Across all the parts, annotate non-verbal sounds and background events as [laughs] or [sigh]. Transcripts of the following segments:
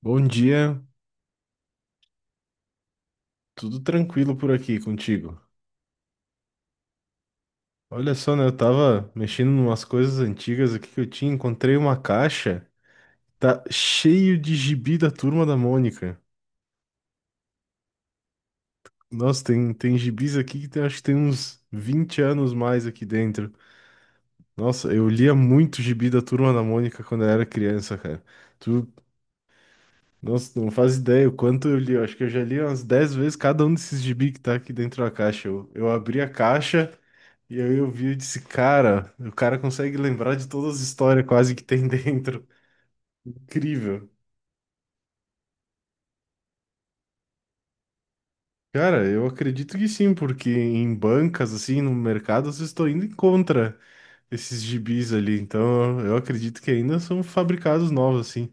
Bom dia, tudo tranquilo por aqui contigo. Olha só, né? Eu tava mexendo em umas coisas antigas aqui que eu tinha, encontrei uma caixa, tá cheio de gibi da Turma da Mônica. Nossa, tem gibis aqui acho que tem uns 20 anos mais aqui dentro. Nossa, eu lia muito gibi da Turma da Mônica quando eu era criança, cara. Tu, Nossa, não faz ideia o quanto eu li. Eu acho que eu já li umas 10 vezes cada um desses gibi que tá aqui dentro da caixa. Eu abri a caixa. E aí eu vi e disse, cara, o cara consegue lembrar de todas as histórias quase que tem [laughs] dentro. Incrível. Cara, eu acredito que sim, porque em bancas, assim, no mercado, vocês estão indo em contra esses gibis ali. Então, eu acredito que ainda são fabricados novos, assim.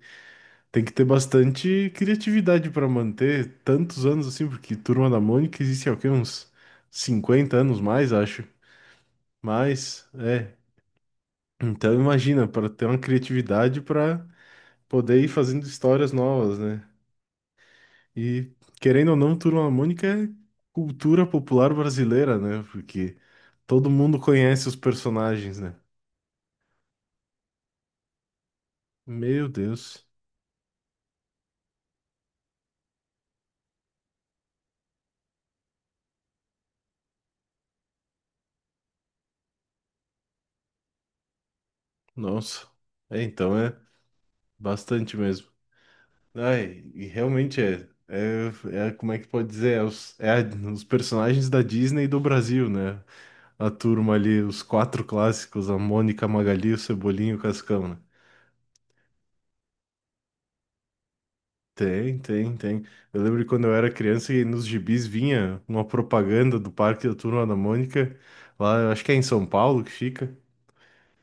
Tem que ter bastante criatividade para manter tantos anos, assim, porque Turma da Mônica existe há o quê? Uns 50 anos mais, acho. Mas, é. Então, imagina, para ter uma criatividade para poder ir fazendo histórias novas, né? E querendo ou não, Turma da Mônica é cultura popular brasileira, né? Porque todo mundo conhece os personagens, né? Meu Deus, nossa. É, então é bastante mesmo. Ai, e realmente é. É, como é que pode dizer? É, os personagens da Disney e do Brasil, né? A turma ali, os quatro clássicos, a Mônica, a Magali, o Cebolinha e o Cascão, né? Tem, tem, tem. Eu lembro que quando eu era criança e nos gibis vinha uma propaganda do Parque da Turma da Mônica, lá, eu acho que é em São Paulo que fica.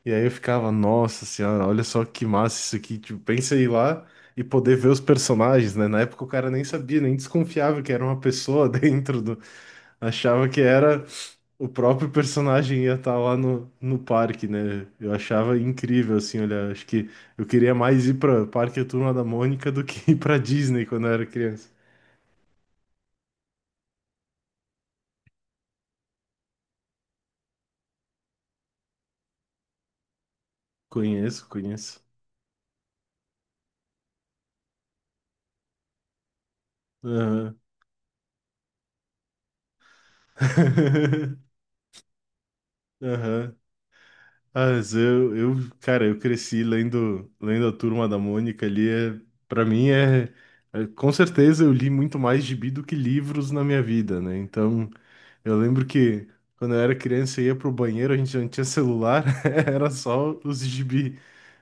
E aí eu ficava, nossa senhora, olha só que massa isso aqui. Tipo, pensa em ir lá e poder ver os personagens, né? Na época o cara nem sabia, nem desconfiava que era uma pessoa [laughs] dentro do. Achava que era o próprio personagem ia estar lá no parque, né? Eu achava incrível, assim, olha, acho que eu queria mais ir para Parque A Turma da Mônica do que [laughs] ir para Disney quando eu era criança. Conheço, conheço. Aham. [laughs] Aham. Ah, mas eu, cara, eu cresci lendo, lendo a Turma da Mônica ali. É, para mim com certeza eu li muito mais gibi do que livros na minha vida, né? Então, eu lembro que quando eu era criança eu ia pro banheiro, a gente não tinha celular, [laughs] era só os gibi.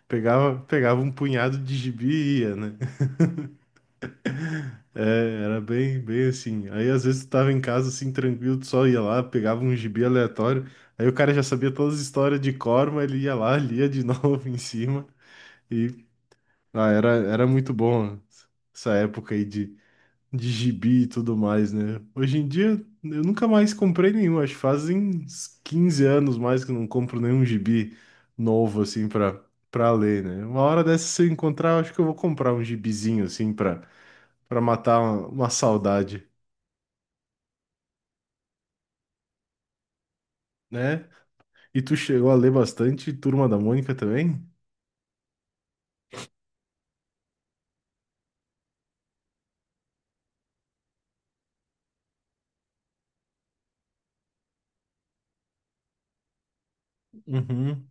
Pegava um punhado de gibi e ia, né? É, era bem, bem assim. Aí às vezes tu tava em casa assim, tranquilo, tu só ia lá, pegava um gibi aleatório. Aí o cara já sabia todas as histórias de cor, mas ele ia lá, lia de [laughs] novo em cima. E ah, era muito bom essa época aí de gibi e tudo mais, né? Hoje em dia eu nunca mais comprei nenhum, acho que fazem uns 15 anos mais que eu não compro nenhum gibi novo assim pra ler, né? Uma hora dessa se eu encontrar, eu acho que eu vou comprar um gibizinho assim pra matar uma saudade. Né? E tu chegou a ler bastante Turma da Mônica também? Uhum.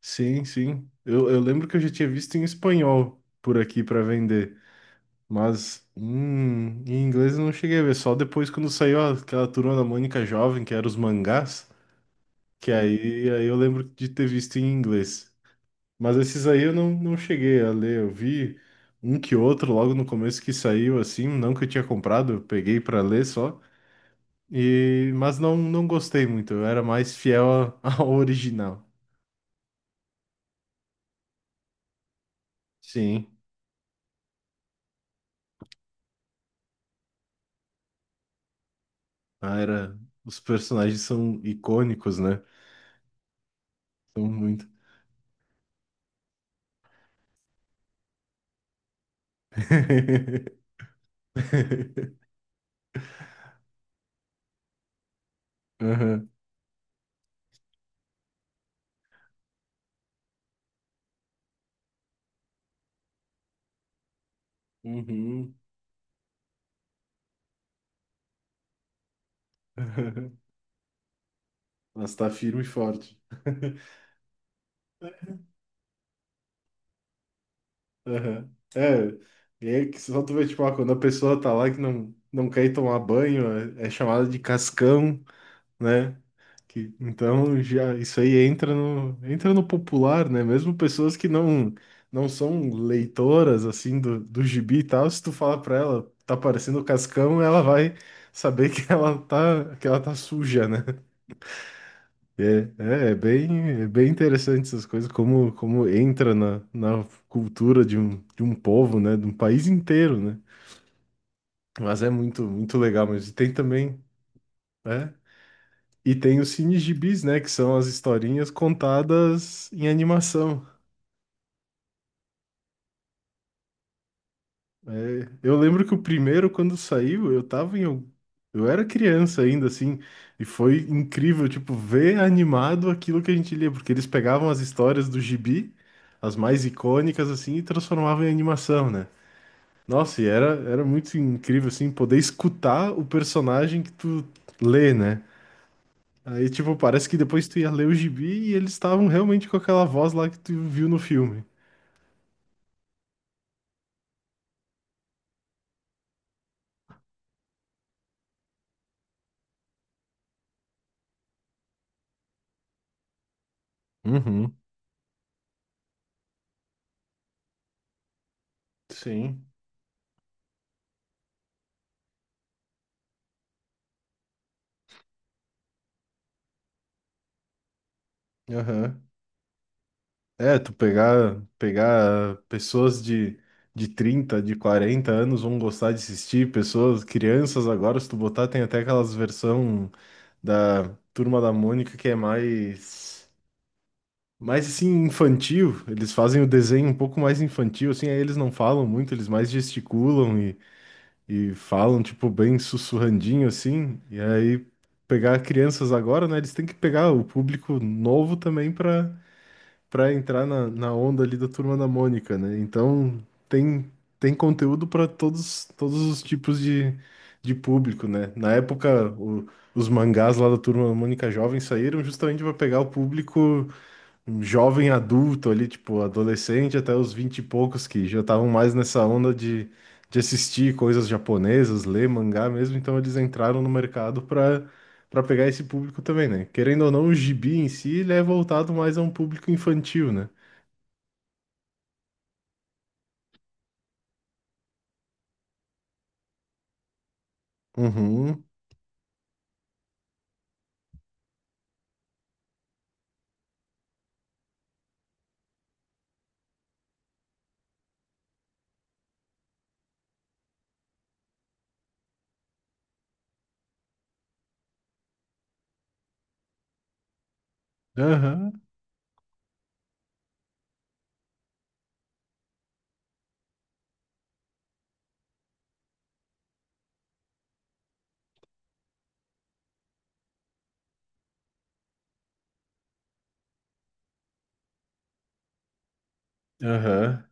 Sim, sim. Eu lembro que eu já tinha visto em espanhol por aqui para vender, mas em inglês eu não cheguei a ver, só depois quando saiu aquela Turma da Mônica jovem, que era os mangás, que aí eu lembro de ter visto em inglês. Mas esses aí eu não cheguei a ler, eu vi um que outro logo no começo que saiu assim, não que eu tinha comprado, eu peguei para ler só. Mas não gostei muito, eu era mais fiel [laughs] ao original. Sim, ah, os personagens são icônicos, né? São muito. [laughs] Aham. Uhum. Aham. Mas tá firme e forte. [laughs] Aham. É, e é que só tu vê, tipo, ah, quando a pessoa tá lá que não quer ir tomar banho, é chamada de cascão. Né? Então já isso aí entra no popular, né? Mesmo pessoas que não são leitoras assim do gibi e tal, se tu falar pra ela, tá parecendo o Cascão, ela vai saber que ela tá suja, né? É, é, é bem interessante essas coisas como entra na cultura de um povo, né? De um país inteiro, né? Mas é muito muito legal, mas tem também, né? E tem os cinegibis, né? Que são as historinhas contadas em animação. É, eu lembro que o primeiro, quando saiu, eu tava eu era criança ainda, assim, e foi incrível, tipo, ver animado aquilo que a gente lia, porque eles pegavam as histórias do gibi, as mais icônicas, assim, e transformavam em animação, né? Nossa, e era muito incrível, assim, poder escutar o personagem que tu lê, né? Aí, tipo, parece que depois tu ia ler o gibi e eles estavam realmente com aquela voz lá que tu viu no filme. Uhum. Sim. Aham. É, tu pegar pessoas de 30 de 40 anos vão gostar de assistir, pessoas, crianças agora, se tu botar, tem até aquelas versão da Turma da Mônica que é mais assim, infantil. Eles fazem o desenho um pouco mais infantil, assim, aí eles não falam muito, eles mais gesticulam e falam, tipo, bem sussurrandinho assim, e aí pegar crianças agora, né? Eles têm que pegar o público novo também para entrar na onda ali da Turma da Mônica, né? Então tem, tem conteúdo para todos, todos os tipos de público, né? Na época, os mangás lá da Turma da Mônica Jovem saíram justamente para pegar o público um jovem adulto ali, tipo, adolescente até os 20 e poucos que já estavam mais nessa onda de assistir coisas japonesas, ler mangá mesmo, então eles entraram no mercado para pegar esse público também, né? Querendo ou não, o gibi em si, ele é voltado mais a um público infantil, né? Uhum, aham, aham.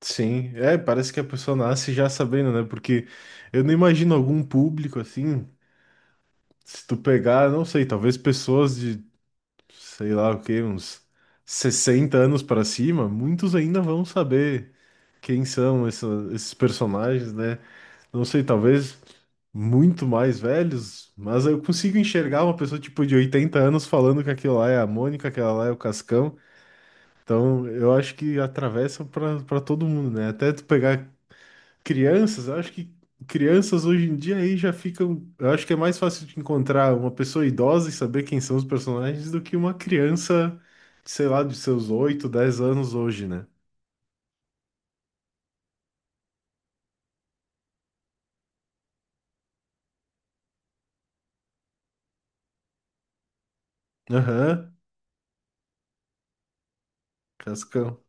Sim, é, parece que a pessoa nasce já sabendo, né? Porque eu não imagino algum público assim, se tu pegar, não sei, talvez pessoas de sei lá o quê, uns 60 anos para cima, muitos ainda vão saber quem são esses personagens, né? Não sei, talvez muito mais velhos, mas eu consigo enxergar uma pessoa tipo de 80 anos falando que aquilo lá é a Mônica, aquela lá é o Cascão. Então, eu acho que atravessa para todo mundo, né? Até tu pegar Crianças, Eu acho que crianças hoje em dia aí já ficam. Eu acho que é mais fácil de encontrar uma pessoa idosa e saber quem são os personagens do que uma criança, sei lá, de seus 8, 10 anos hoje, né? Aham, Cascão.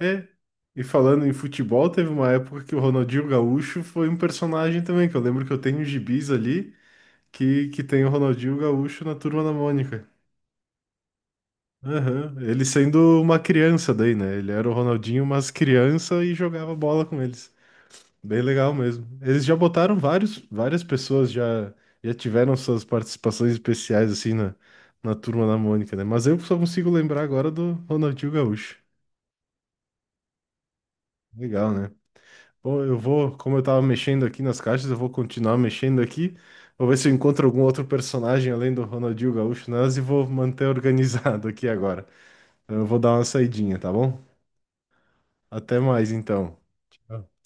É. E falando em futebol, teve uma época que o Ronaldinho Gaúcho foi um personagem também, que eu lembro que eu tenho gibis ali que tem o Ronaldinho Gaúcho na Turma da Mônica. Aham, ele sendo uma criança daí, né? Ele era o Ronaldinho, mas criança e jogava bola com eles. Bem legal mesmo. Eles já botaram vários, várias pessoas já tiveram suas participações especiais assim na turma da Mônica, né? Mas eu só consigo lembrar agora do Ronaldinho Gaúcho. Legal, né? Bom, eu vou, como eu tava mexendo aqui nas caixas, eu vou continuar mexendo aqui. Vou ver se eu encontro algum outro personagem além do Ronaldinho Gaúcho nelas e vou manter [laughs] organizado aqui agora. Então, eu vou dar uma saidinha, tá bom? Até mais então. Tchau.